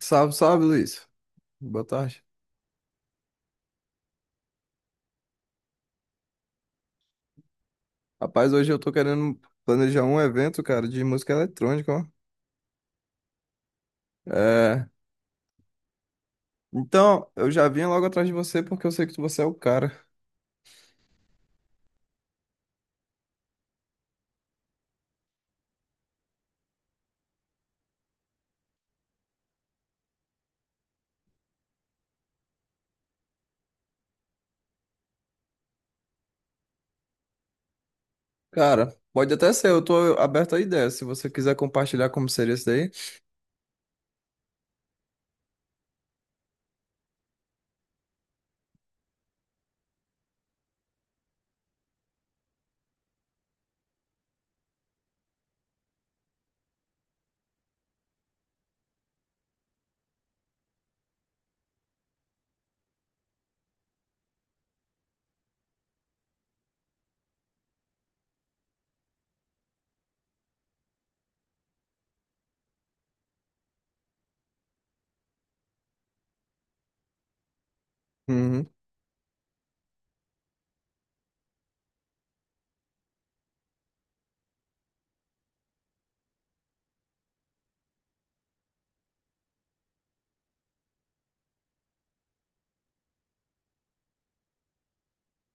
Salve, salve, Luiz. Boa tarde. Rapaz, hoje eu tô querendo planejar um evento, cara, de música eletrônica, ó. É... Então, eu já vim logo atrás de você porque eu sei que você é o cara. Cara, pode até ser, eu tô aberto a ideia, se você quiser compartilhar como seria isso daí. Uhum.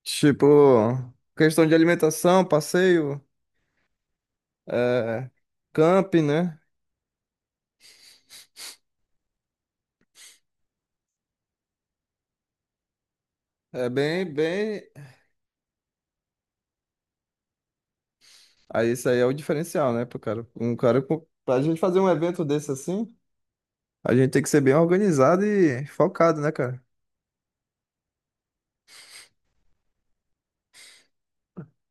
Tipo, questão de alimentação, passeio, é... camping, né? É bem, bem... Aí isso aí é o diferencial, né, pro cara. Pra gente fazer um evento desse assim... A gente tem que ser bem organizado e focado, né, cara?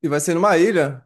E vai ser numa ilha,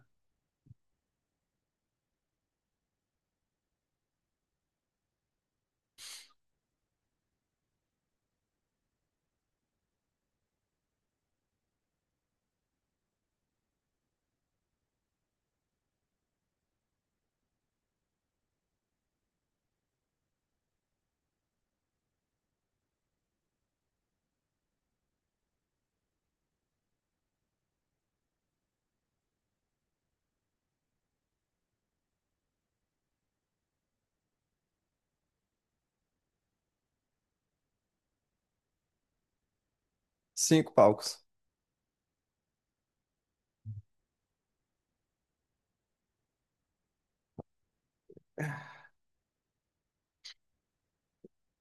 cinco palcos.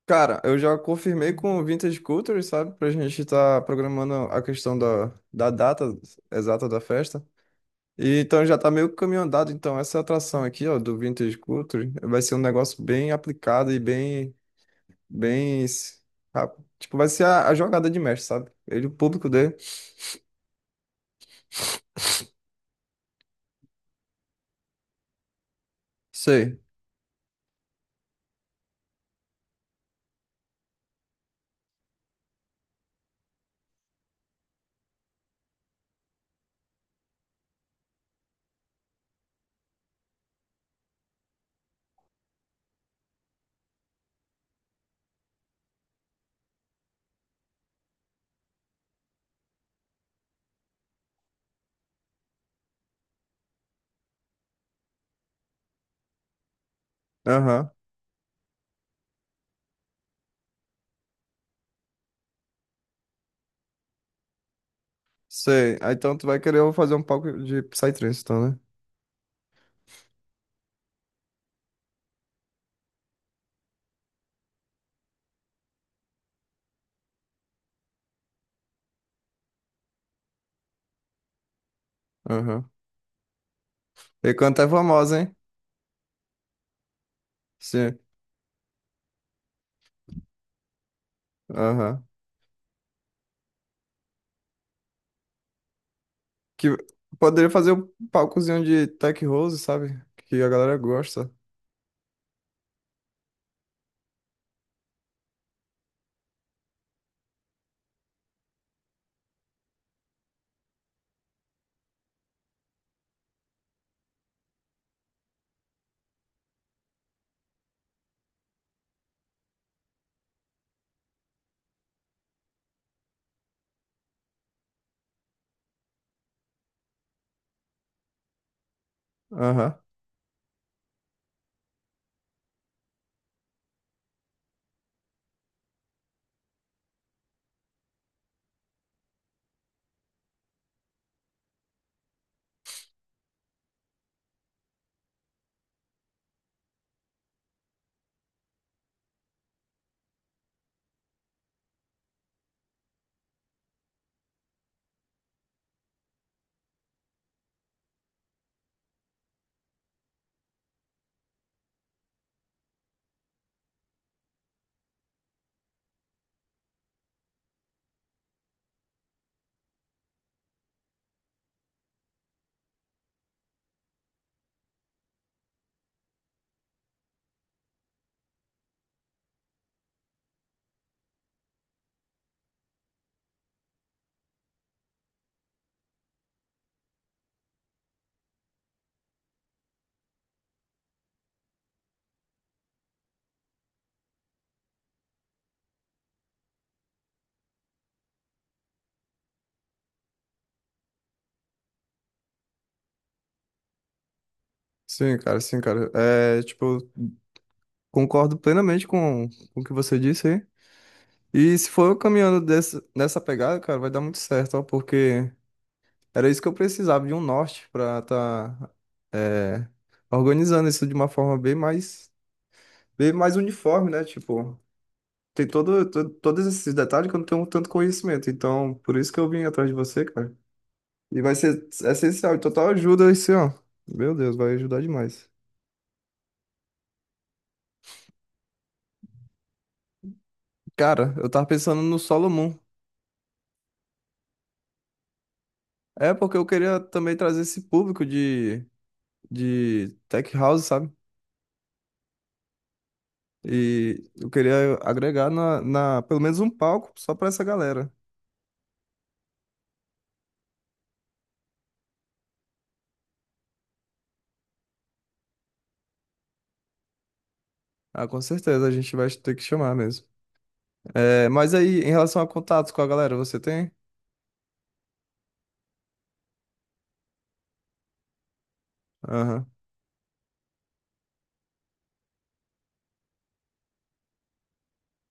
Cara, eu já confirmei com o Vintage Culture, sabe? Pra gente estar programando a questão da data exata da festa. E então já tá meio que caminho andado. Então, essa atração aqui, ó, do Vintage Culture, vai ser um negócio bem aplicado e bem, s- rápido. Tipo, vai ser a jogada de mestre, sabe? Ele, o público dele. Sei. Aham. Sei. Ah, então, tu vai querer eu fazer um palco de Psytrance, então, né? Aham. E canta é famosa, hein? Sim. Aham. Que poderia fazer o palcozinho de Tech Rose, sabe? Que a galera gosta. Aham. Sim, cara, sim, cara. É, tipo, concordo plenamente com o que você disse aí. E se for eu caminhando desse, nessa pegada, cara, vai dar muito certo, ó, porque era isso que eu precisava de um norte pra tá é, organizando isso de uma forma bem mais uniforme, né? Tipo. Todos esses detalhes que eu não tenho tanto conhecimento. Então, por isso que eu vim atrás de você, cara. E vai ser essencial, total ajuda esse, ó. Meu Deus, vai ajudar demais. Cara, eu tava pensando no Solo Moon. É porque eu queria também trazer esse público de tech house, sabe? E eu queria agregar pelo menos um palco só pra essa galera. Ah, com certeza, a gente vai ter que chamar mesmo. É, mas aí, em relação a contatos com a galera, você tem? Aham,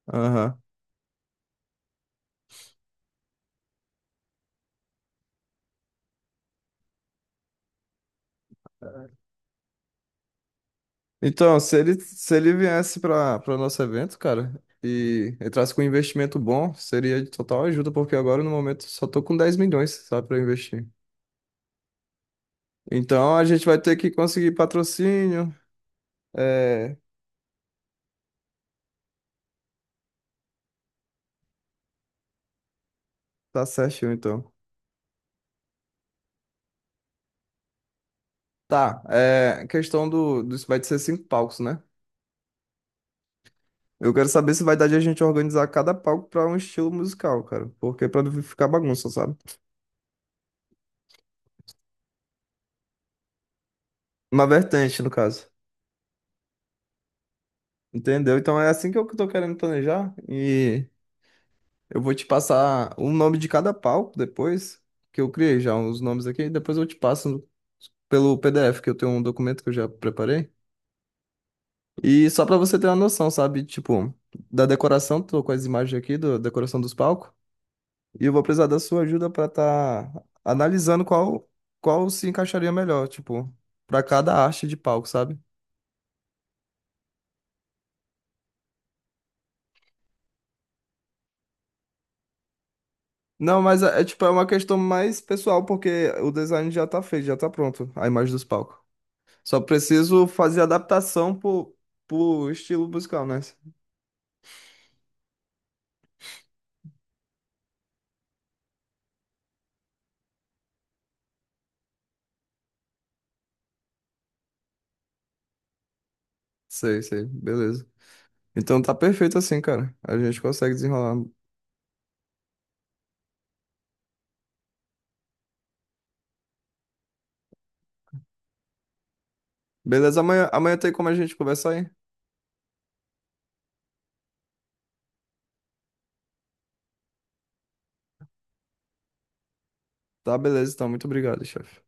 aham. Então, se ele viesse para nosso evento, cara, e entrasse com um investimento bom, seria de total ajuda, porque agora no momento só tô com 10 milhões, sabe, para investir. Então a gente vai ter que conseguir patrocínio. É, tá certinho, então. Questão do, do. Vai ser cinco palcos, né? Eu quero saber se vai dar de a gente organizar cada palco para um estilo musical, cara. Porque pra não ficar bagunça, sabe? Uma vertente, no caso. Entendeu? Então é assim que eu tô querendo planejar. E. Eu vou te passar o nome de cada palco depois, que eu criei já os nomes aqui, depois eu te passo pelo PDF, que eu tenho um documento que eu já preparei. E só pra você ter uma noção, sabe? Tipo, da decoração, tô com as imagens aqui da decoração dos palcos, e eu vou precisar da sua ajuda pra tá analisando qual se encaixaria melhor, tipo, pra cada arte de palco, sabe? Não, tipo, é uma questão mais pessoal, porque o design já tá feito, já tá pronto, a imagem dos palcos. Só preciso fazer adaptação pro estilo musical, né? Sei, sei, beleza. Então tá perfeito assim, cara. A gente consegue desenrolar. Beleza, amanhã tem como a gente conversar aí? Tá, beleza, então. Muito obrigado, chefe.